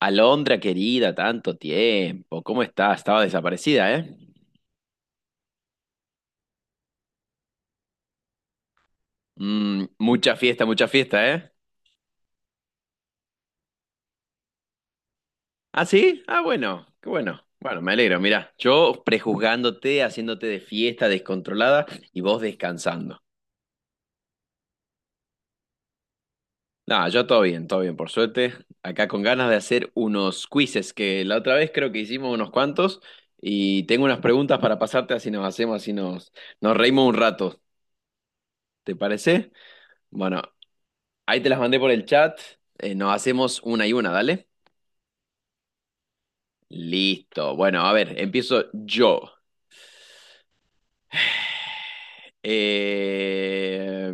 Alondra querida, tanto tiempo. ¿Cómo estás? Estaba desaparecida, ¿eh? Mucha fiesta, mucha fiesta, ¿eh? ¿Ah, sí? Ah, bueno, qué bueno. Bueno, me alegro, mirá. Yo prejuzgándote, haciéndote de fiesta descontrolada y vos descansando. Nah, yo todo bien, por suerte. Acá con ganas de hacer unos quizzes, que la otra vez creo que hicimos unos cuantos y tengo unas preguntas para pasarte así nos hacemos, nos reímos un rato. ¿Te parece? Bueno. Ahí te las mandé por el chat. Nos hacemos una y una, dale. Listo. Bueno, a ver, empiezo yo. Eh,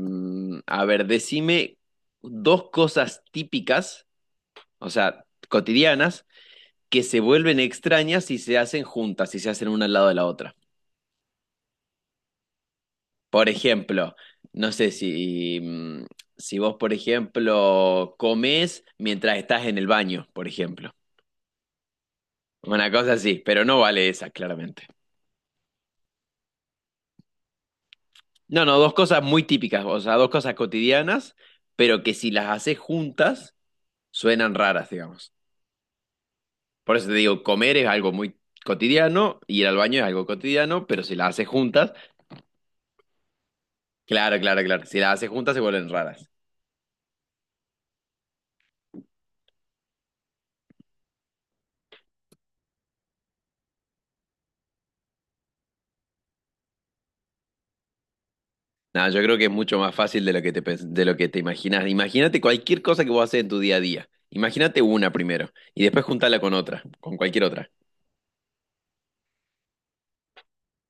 a ver, decime dos cosas típicas, o sea, cotidianas, que se vuelven extrañas si se hacen juntas, si se hacen una al lado de la otra. Por ejemplo, no sé si, si vos, por ejemplo, comes mientras estás en el baño, por ejemplo. Una cosa así, pero no vale esa, claramente. No, no, dos cosas muy típicas, o sea, dos cosas cotidianas, pero que si las haces juntas suenan raras, digamos. Por eso te digo, comer es algo muy cotidiano, ir al baño es algo cotidiano, pero si las haces juntas, claro, claro, claro, si las haces juntas se vuelven raras. Nada, yo creo que es mucho más fácil de lo que de lo que te imaginas. Imagínate cualquier cosa que vos haces en tu día a día. Imagínate una primero y después juntala con otra, con cualquier otra.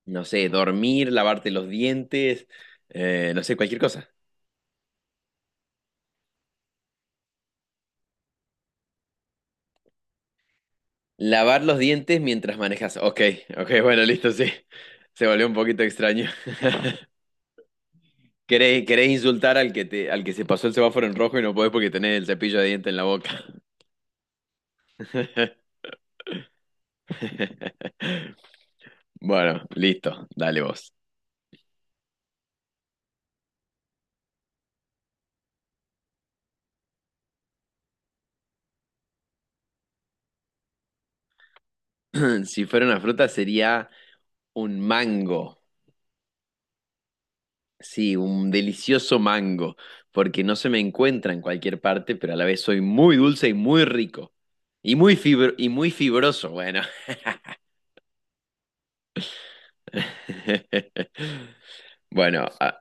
No sé, dormir, lavarte los dientes, no sé, cualquier cosa. Lavar los dientes mientras manejas. Ok, ok, bueno, listo, sí. Se volvió un poquito extraño. ¿Querés, querés insultar al que te, al que se pasó el semáforo en rojo y no podés porque tenés el cepillo de dientes en la boca? Bueno, listo, dale vos. Si fuera una fruta sería un mango. Sí, un delicioso mango, porque no se me encuentra en cualquier parte, pero a la vez soy muy dulce y muy rico. Y muy fibroso, bueno. Bueno,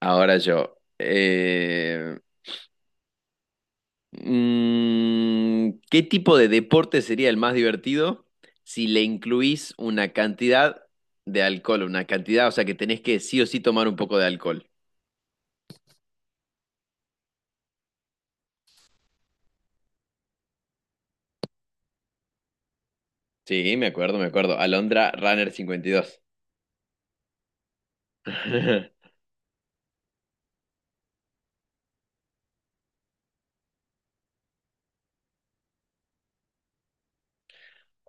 ahora yo. ¿Qué tipo de deporte sería el más divertido si le incluís una cantidad de alcohol? Una cantidad, o sea que tenés que sí o sí tomar un poco de alcohol. Sí, me acuerdo, me acuerdo. Alondra Runner 52.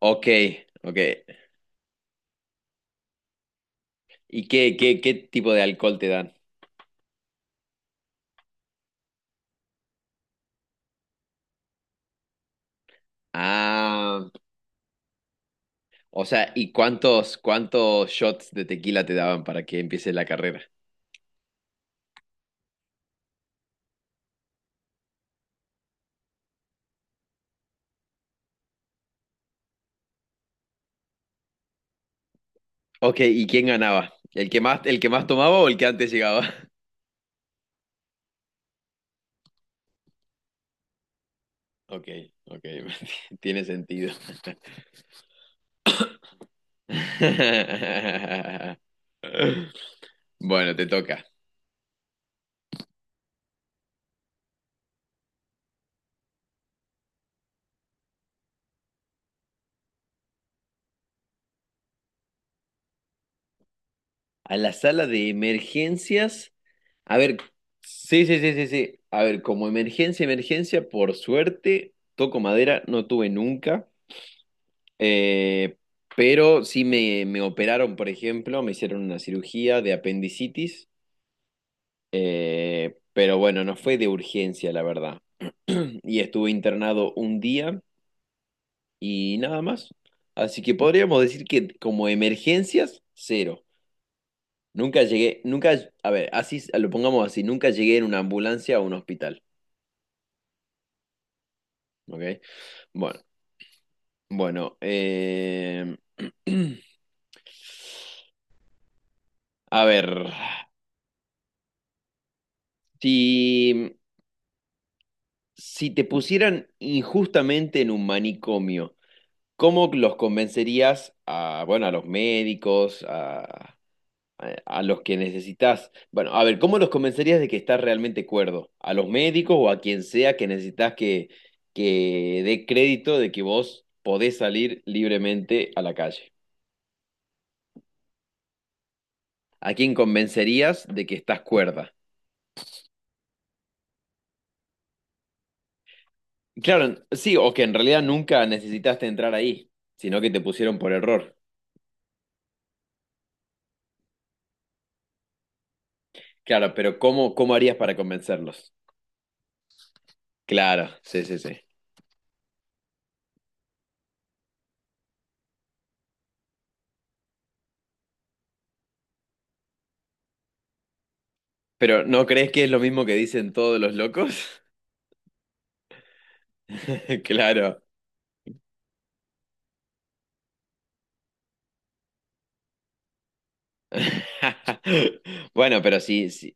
Ok, ok. ¿Y qué tipo de alcohol te dan? Ah, o sea, ¿y cuántos shots de tequila te daban para que empiece la carrera? Ok, ¿y quién ganaba? El que más tomaba o el que antes llegaba? Ok, ok, tiene sentido. Bueno, te toca. A la sala de emergencias. A ver, sí, sí, sí, sí, sí. A ver, como emergencia, emergencia, por suerte, toco madera, no tuve nunca. Eh, pero sí me operaron, por ejemplo, me hicieron una cirugía de apendicitis. Pero bueno, no fue de urgencia, la verdad. Y estuve internado un día y nada más. Así que podríamos decir que como emergencias, cero. Nunca llegué, nunca, a ver, así lo pongamos así, nunca llegué en una ambulancia a un hospital. ¿Ok? Bueno, bueno. A ver, si, si te pusieran injustamente en un manicomio, ¿cómo los convencerías a, bueno, a los médicos, a, los que necesitas? Bueno, a ver, ¿cómo los convencerías de que estás realmente cuerdo? ¿A los médicos o a quien sea que necesitas que dé crédito de que vos podés salir libremente a la calle? ¿A quién convencerías de que estás cuerda? Claro, sí, o que en realidad nunca necesitaste entrar ahí, sino que te pusieron por error. Claro, pero cómo harías para convencerlos? Claro, sí, sí, sí. Pero ¿no crees que es lo mismo que dicen todos los locos? Claro. Bueno, pero sí, sí.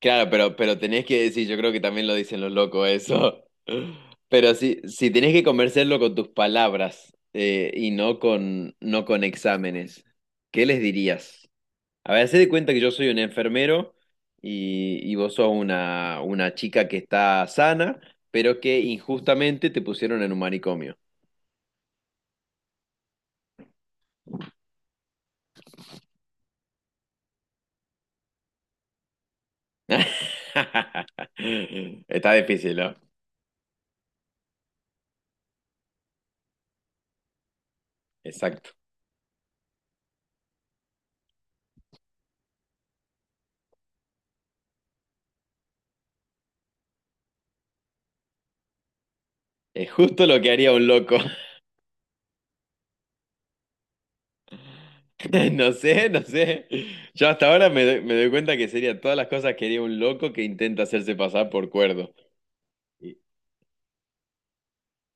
Claro, pero tenés que decir, yo creo que también lo dicen los locos eso. Pero sí, si tenés que convencerlo con tus palabras y no con exámenes, ¿qué les dirías? A ver, hacé de cuenta que yo soy un enfermero y vos sos una chica que está sana, pero que injustamente te pusieron en un manicomio. Está difícil, ¿no? Exacto. Es justo lo que haría un loco. No sé, no sé. Yo hasta ahora me doy cuenta que sería todas las cosas que haría un loco que intenta hacerse pasar por cuerdo. Y-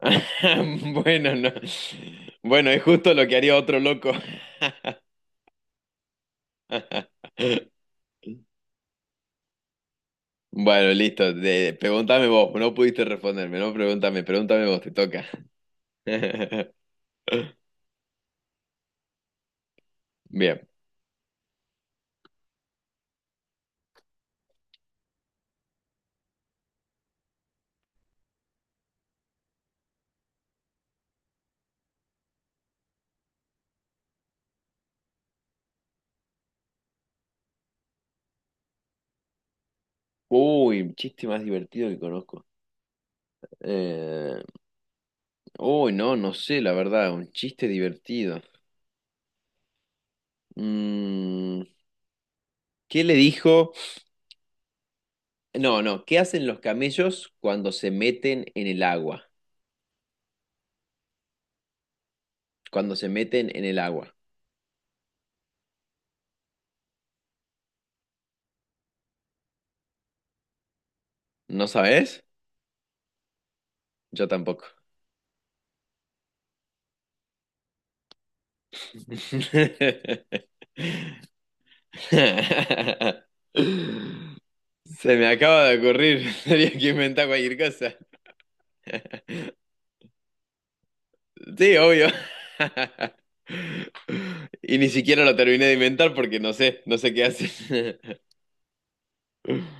Bueno, no. Bueno, es justo lo que haría otro loco. Bueno, listo. Pregúntame vos. No pudiste responderme, no pregúntame. Pregúntame vos, te toca. Bien. Uy, un chiste más divertido que conozco. Eh, Uy, no, no sé, la verdad, un chiste divertido. Mm, ¿Qué le dijo? No, no, ¿qué hacen los camellos cuando se meten en el agua? Cuando se meten en el agua. ¿No sabes? Yo tampoco. Se me acaba de ocurrir, tenía que inventar cualquier cosa. Sí, obvio. Y ni siquiera lo terminé de inventar porque no sé, no sé qué hacen.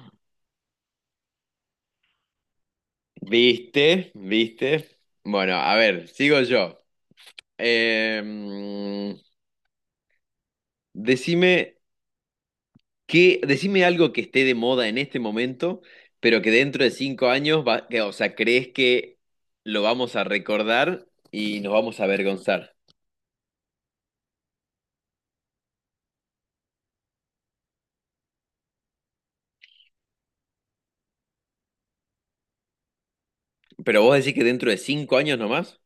¿Viste? ¿Viste? Bueno, a ver, sigo yo. Em, decime decime algo que esté de moda en este momento, pero que dentro de 5 años que, o sea, crees que lo vamos a recordar y nos vamos a avergonzar. Pero vos decís que dentro de 5 años nomás,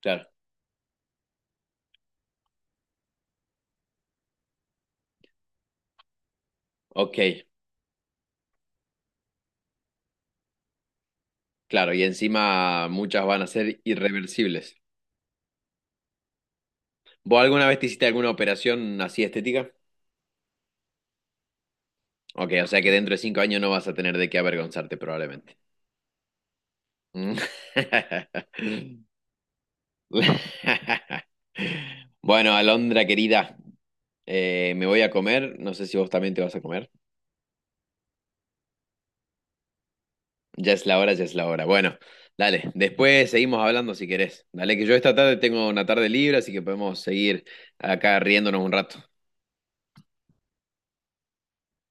claro, ok, claro, y encima muchas van a ser irreversibles. ¿Vos alguna vez te hiciste alguna operación así estética? Ok, o sea que dentro de 5 años no vas a tener de qué avergonzarte probablemente. Mm. Bueno, Alondra querida, me voy a comer. No sé si vos también te vas a comer. Ya es la hora, ya es la hora. Bueno, dale, después seguimos hablando si querés. Dale, que yo esta tarde tengo una tarde libre, así que podemos seguir acá riéndonos un rato.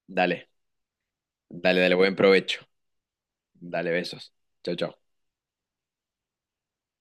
Dale, dale, dale, buen provecho. Dale, besos. Chau, chau.